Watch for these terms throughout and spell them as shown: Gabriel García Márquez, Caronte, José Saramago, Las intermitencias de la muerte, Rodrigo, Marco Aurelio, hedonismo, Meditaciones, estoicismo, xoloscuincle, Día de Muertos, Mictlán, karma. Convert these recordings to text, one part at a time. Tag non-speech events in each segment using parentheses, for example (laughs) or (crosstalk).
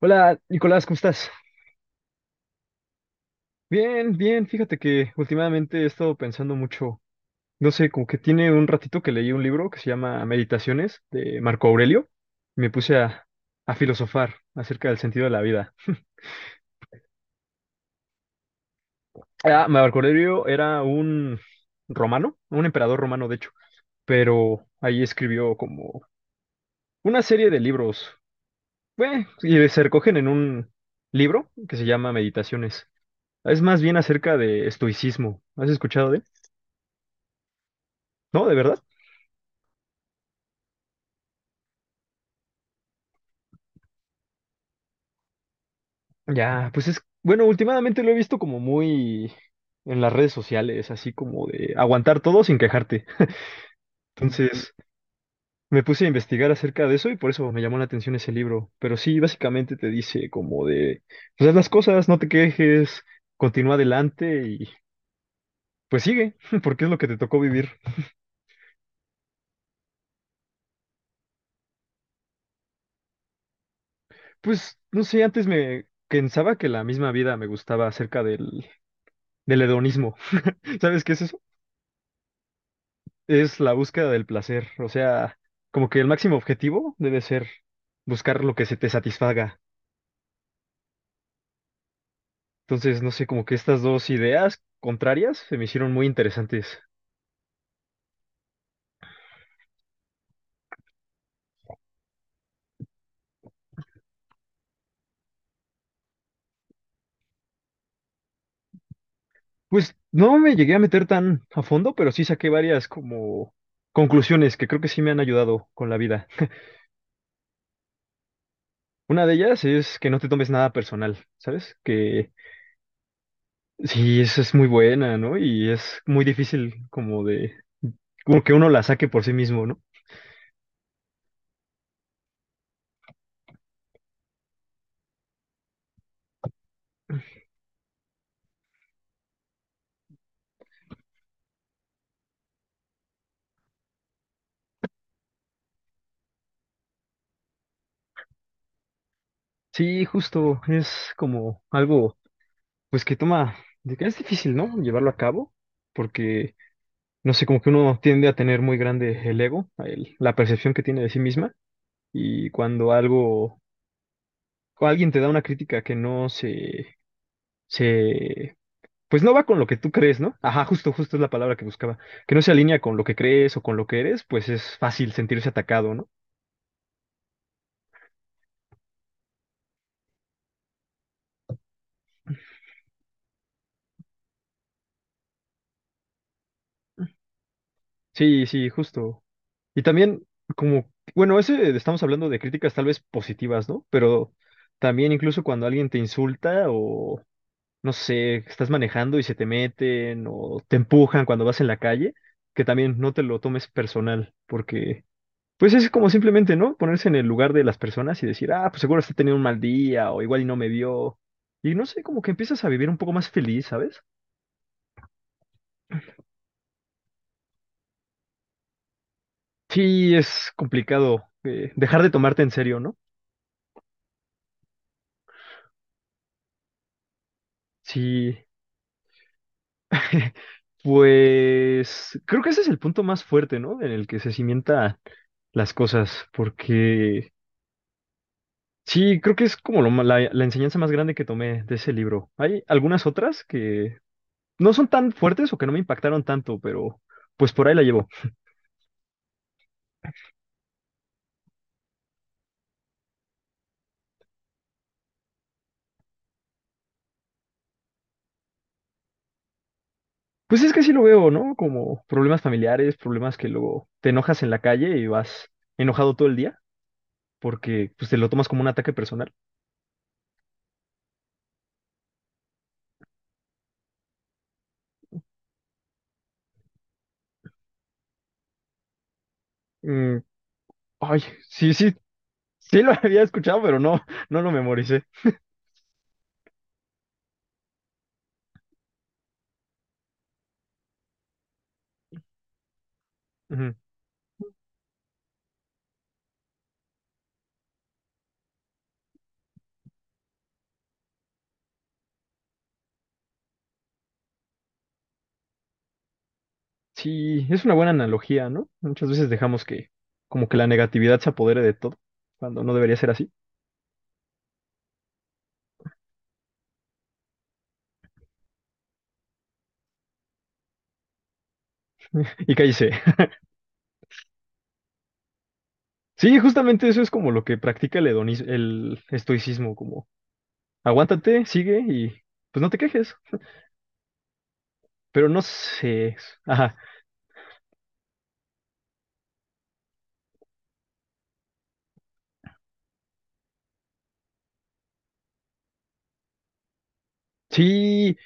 Hola, Nicolás, ¿cómo estás? Bien, bien, fíjate que últimamente he estado pensando mucho, no sé, como que tiene un ratito que leí un libro que se llama Meditaciones de Marco Aurelio, me puse a filosofar acerca del sentido de la vida. Ah, Marco Aurelio era un romano, un emperador romano de hecho, pero ahí escribió como una serie de libros, bueno, y se recogen en un libro que se llama Meditaciones. Es más bien acerca de estoicismo. ¿Has escuchado de él? ¿No? ¿De verdad? Ya, pues es, bueno, últimamente lo he visto como muy en las redes sociales, así como de aguantar todo sin quejarte. Entonces me puse a investigar acerca de eso y por eso me llamó la atención ese libro. Pero sí, básicamente te dice como de, pues haz las cosas, no te quejes, continúa adelante y pues sigue, (laughs) porque es lo que te tocó vivir. Pues no sé, antes me pensaba que la misma vida me gustaba acerca del hedonismo. (laughs) ¿Sabes que ese es la búsqueda del placer? O sea, como que el máximo objetivo debe ser buscar lo que se te satisfaga. Entonces, no sé, como que estas dos ideas contrarias se me hicieron muy interesantes. Pues no me llegué a meter tan a fondo, pero sí saqué varias como conclusiones que creo que sí me han ayudado con la vida. Una de ellas es que no te tomes nada personal, ¿sabes? Que sí, esa es muy buena, ¿no? Y es muy difícil como de, como que uno la saque por sí mismo, ¿no? Sí, justo, es como algo. Pues que toma, de que es difícil, ¿no? Llevarlo a cabo, porque, no sé, como que uno tiende a tener muy grande el ego, la percepción que tiene de sí misma, y cuando algo, o alguien te da una crítica que no se, pues no va con lo que tú crees, ¿no? Ajá, justo, justo es la palabra que buscaba, que no se alinea con lo que crees o con lo que eres, pues es fácil sentirse atacado, ¿no? Sí, sí, justo. Y también, como, bueno, ese, estamos hablando de críticas tal vez positivas, ¿no? Pero... También incluso cuando alguien te insulta o, no sé, estás manejando y se te meten o te empujan cuando vas en la calle, que también no te lo tomes personal, porque pues es como simplemente, ¿no? Ponerse en el lugar de las personas y decir, ah, pues seguro está teniendo un mal día o igual y no me vio. Y no sé, como que empiezas a vivir un poco más feliz, ¿sabes? Sí, es complicado dejar de tomarte en serio, ¿no? Sí, (laughs) pues creo que ese es el punto más fuerte, ¿no? En el que se cimientan las cosas, porque sí, creo que es como la enseñanza más grande que tomé de ese libro. Hay algunas otras que no son tan fuertes o que no me impactaron tanto, pero pues por ahí la llevo. Pues es que sí lo veo, ¿no? Como problemas familiares, problemas que luego te enojas en la calle y vas enojado todo el día porque pues te lo tomas como un ataque personal. Mm, ay, sí, sí, sí lo (laughs) había escuchado, pero no, no lo memoricé. Ujú. Sí, es una buena analogía, ¿no? Muchas veces dejamos que como que la negatividad se apodere de todo cuando no debería ser así. Y cállese. Sí, justamente eso es como lo que practica el estoicismo, como aguántate, sigue y pues no te quejes. Pero no sé. Ajá. Sí,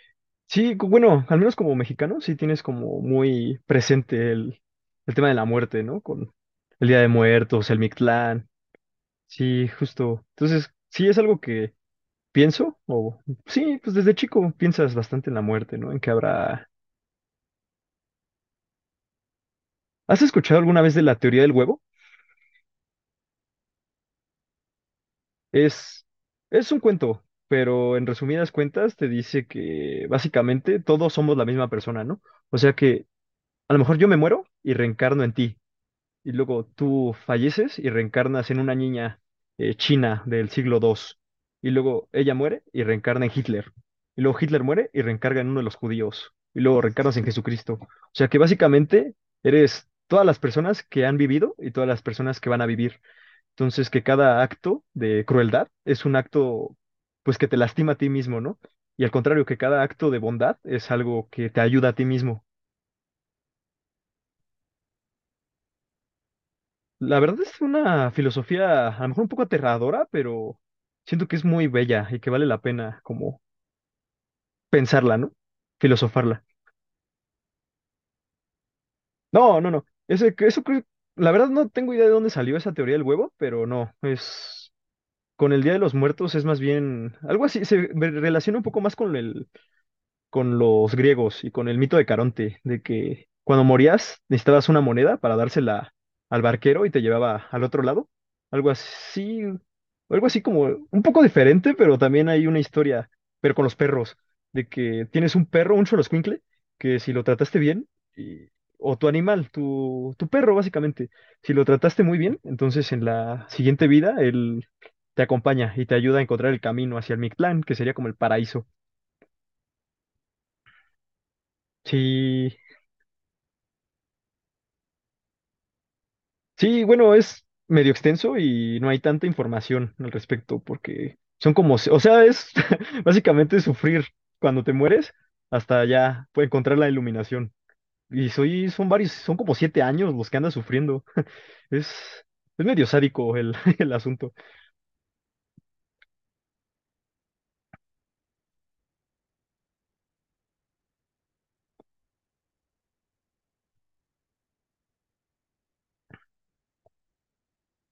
sí, bueno, al menos como mexicano, sí tienes como muy presente el tema de la muerte, ¿no? Con el Día de Muertos, el Mictlán. Sí, justo. Entonces, sí es algo que pienso, o sí, pues desde chico piensas bastante en la muerte, ¿no? En que habrá. ¿Has escuchado alguna vez de la teoría del huevo? Es, es un cuento, pero en resumidas cuentas te dice que básicamente todos somos la misma persona, ¿no? O sea que a lo mejor yo me muero y reencarno en ti, y luego tú falleces y reencarnas en una niña china del siglo II, y luego ella muere y reencarna en Hitler, y luego Hitler muere y reencarna en uno de los judíos, y luego reencarnas en Jesucristo. O sea que básicamente eres todas las personas que han vivido y todas las personas que van a vivir. Entonces, que cada acto de crueldad es un acto, pues, que te lastima a ti mismo, ¿no? Y al contrario, que cada acto de bondad es algo que te ayuda a ti mismo. La verdad es una filosofía a lo mejor un poco aterradora, pero siento que es muy bella y que vale la pena como pensarla, ¿no? Filosofarla. No, no, no. Ese, que- eso creo- la verdad no tengo idea de dónde salió esa teoría del huevo, pero no, es con el Día de los Muertos es más bien algo así, relaciona un poco más con el con los griegos y con el mito de Caronte, de que cuando morías necesitabas una moneda para dársela al barquero y te llevaba al otro lado. Algo así, algo así como un poco diferente, pero también hay una historia, pero con los perros, de que tienes un perro, un xoloscuincle, que si lo trataste bien, y- o tu animal, tu perro básicamente, si lo trataste muy bien, entonces en la siguiente vida él te acompaña y te ayuda a encontrar el camino hacia el Mictlán, que sería como el paraíso. Sí, sí, bueno, es medio extenso y no hay tanta información al respecto porque son como, o sea, es (laughs) básicamente sufrir cuando te mueres hasta ya pues, encontrar la iluminación. Y son varios, son como 7 años los que andas sufriendo. Es, es medio sádico el, (laughs) el asunto.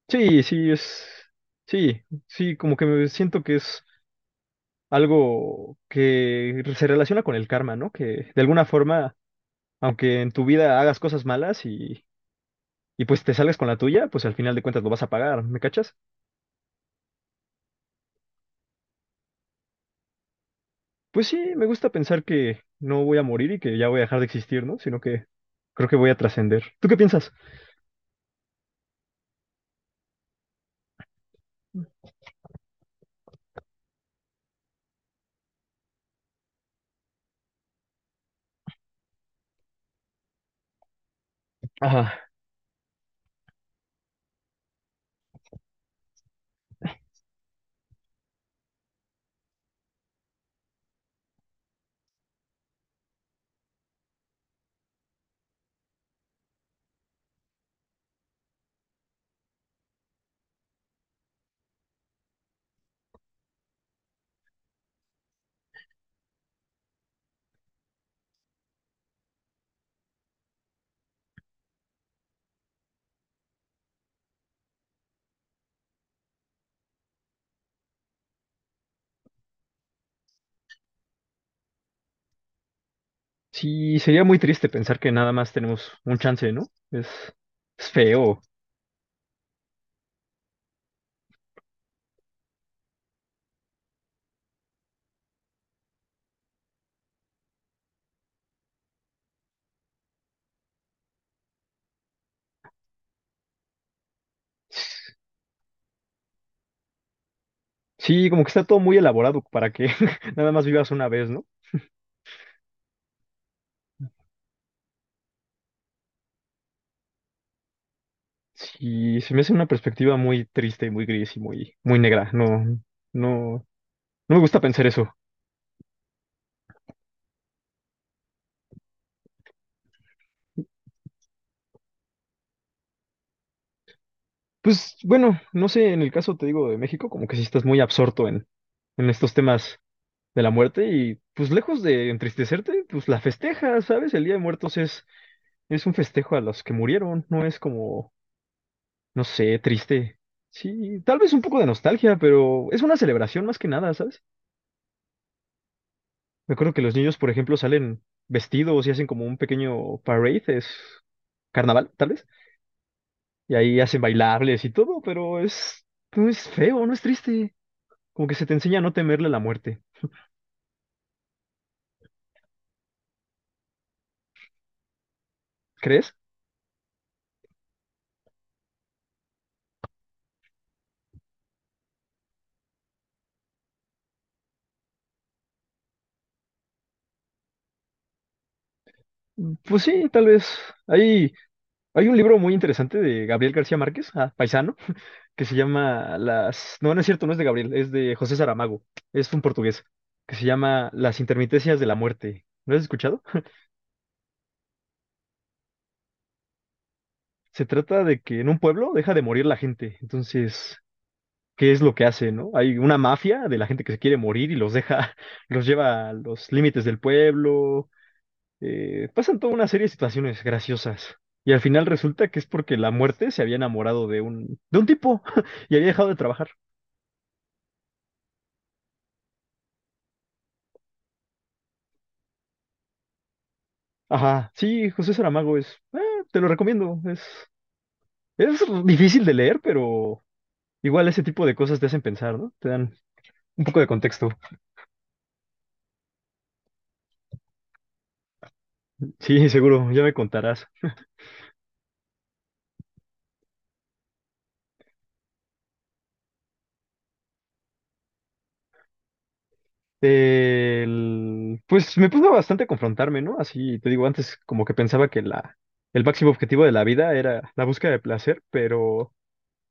Sí, sí, es, sí, sí, como que me siento que es algo que se relaciona con el karma, ¿no? Que de alguna forma, aunque en tu vida hagas cosas malas y pues te salgas con la tuya, pues al final de cuentas lo vas a pagar, ¿me cachas? Pues sí, me gusta pensar que no voy a morir y que ya voy a dejar de existir, ¿no? Sino que creo que voy a trascender. ¿Tú qué piensas? Ajá. Sí, sería muy triste pensar que nada más tenemos un chance, ¿no? Es feo. Sí, como que está todo muy elaborado para que (laughs) nada más vivas una vez, ¿no? Sí, se me hace una perspectiva muy triste, muy gris y muy, muy negra. No, no, no me gusta pensar eso. Pues bueno, no sé, en el caso te digo de México, como que sí estás muy absorto en estos temas de la muerte y pues lejos de entristecerte, pues la festejas, ¿sabes? El Día de Muertos es un festejo a los que murieron, no es como, no sé, triste. Sí, tal vez un poco de nostalgia, pero es una celebración más que nada, ¿sabes? Me acuerdo que los niños, por ejemplo, salen vestidos y hacen como un pequeño parade, es carnaval, tal vez, y ahí hacen bailables y todo, pero es, no es feo, no es triste, como que se te enseña a no temerle a la muerte. ¿Crees? Mm, pues sí, tal vez. Hay, hay un libro muy interesante de Gabriel García Márquez, ah, paisano, (laughs) que se llama Las... No, no es cierto, no es de Gabriel, es de José Saramago, es un portugués, que se llama Las intermitencias de la muerte. ¿Lo has escuchado? Se trata de que en un pueblo deja de morir la gente. Entonces, ¿qué es lo que hace, no? Hay una mafia de la gente que se quiere morir y los deja, (laughs) los lleva a los límites del pueblo, pasan toda una serie de situaciones graciosas. Y al final resulta que es porque la muerte se había enamorado de un tipo (laughs) y había dejado de trabajar. Ajá, sí, José Saramago es, te lo recomiendo, es difícil de leer, pero igual ese tipo de cosas te hacen pensar, ¿no? Te dan un poco de contexto. Sí, seguro, ya me contarás. Pues me puso bastante a confrontarme, ¿no? Así, te digo, antes como que pensaba que el máximo objetivo de la vida era la búsqueda de placer, pero...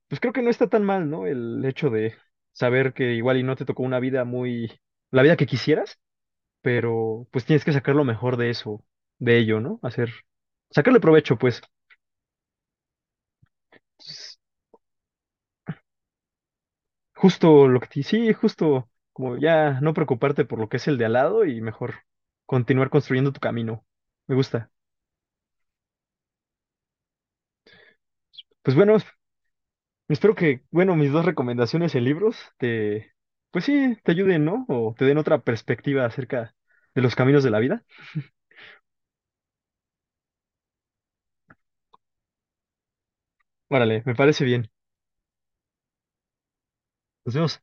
pues creo que no está tan mal, ¿no? El hecho de saber que igual y no te tocó una vida muy, la vida que quisieras, pero pues tienes que sacar lo mejor de eso, de ello, ¿no? Hacer, sacarle provecho, pues, s- justo lo que te, sí, justo como ya no preocuparte por lo que es el de al lado y mejor continuar construyendo tu camino. Me gusta. Pues bueno, espero que, bueno, mis dos recomendaciones en libros te, pues sí, te ayuden, ¿no? O te den otra perspectiva acerca de los caminos de la vida. Órale, me parece bien. Nos vemos.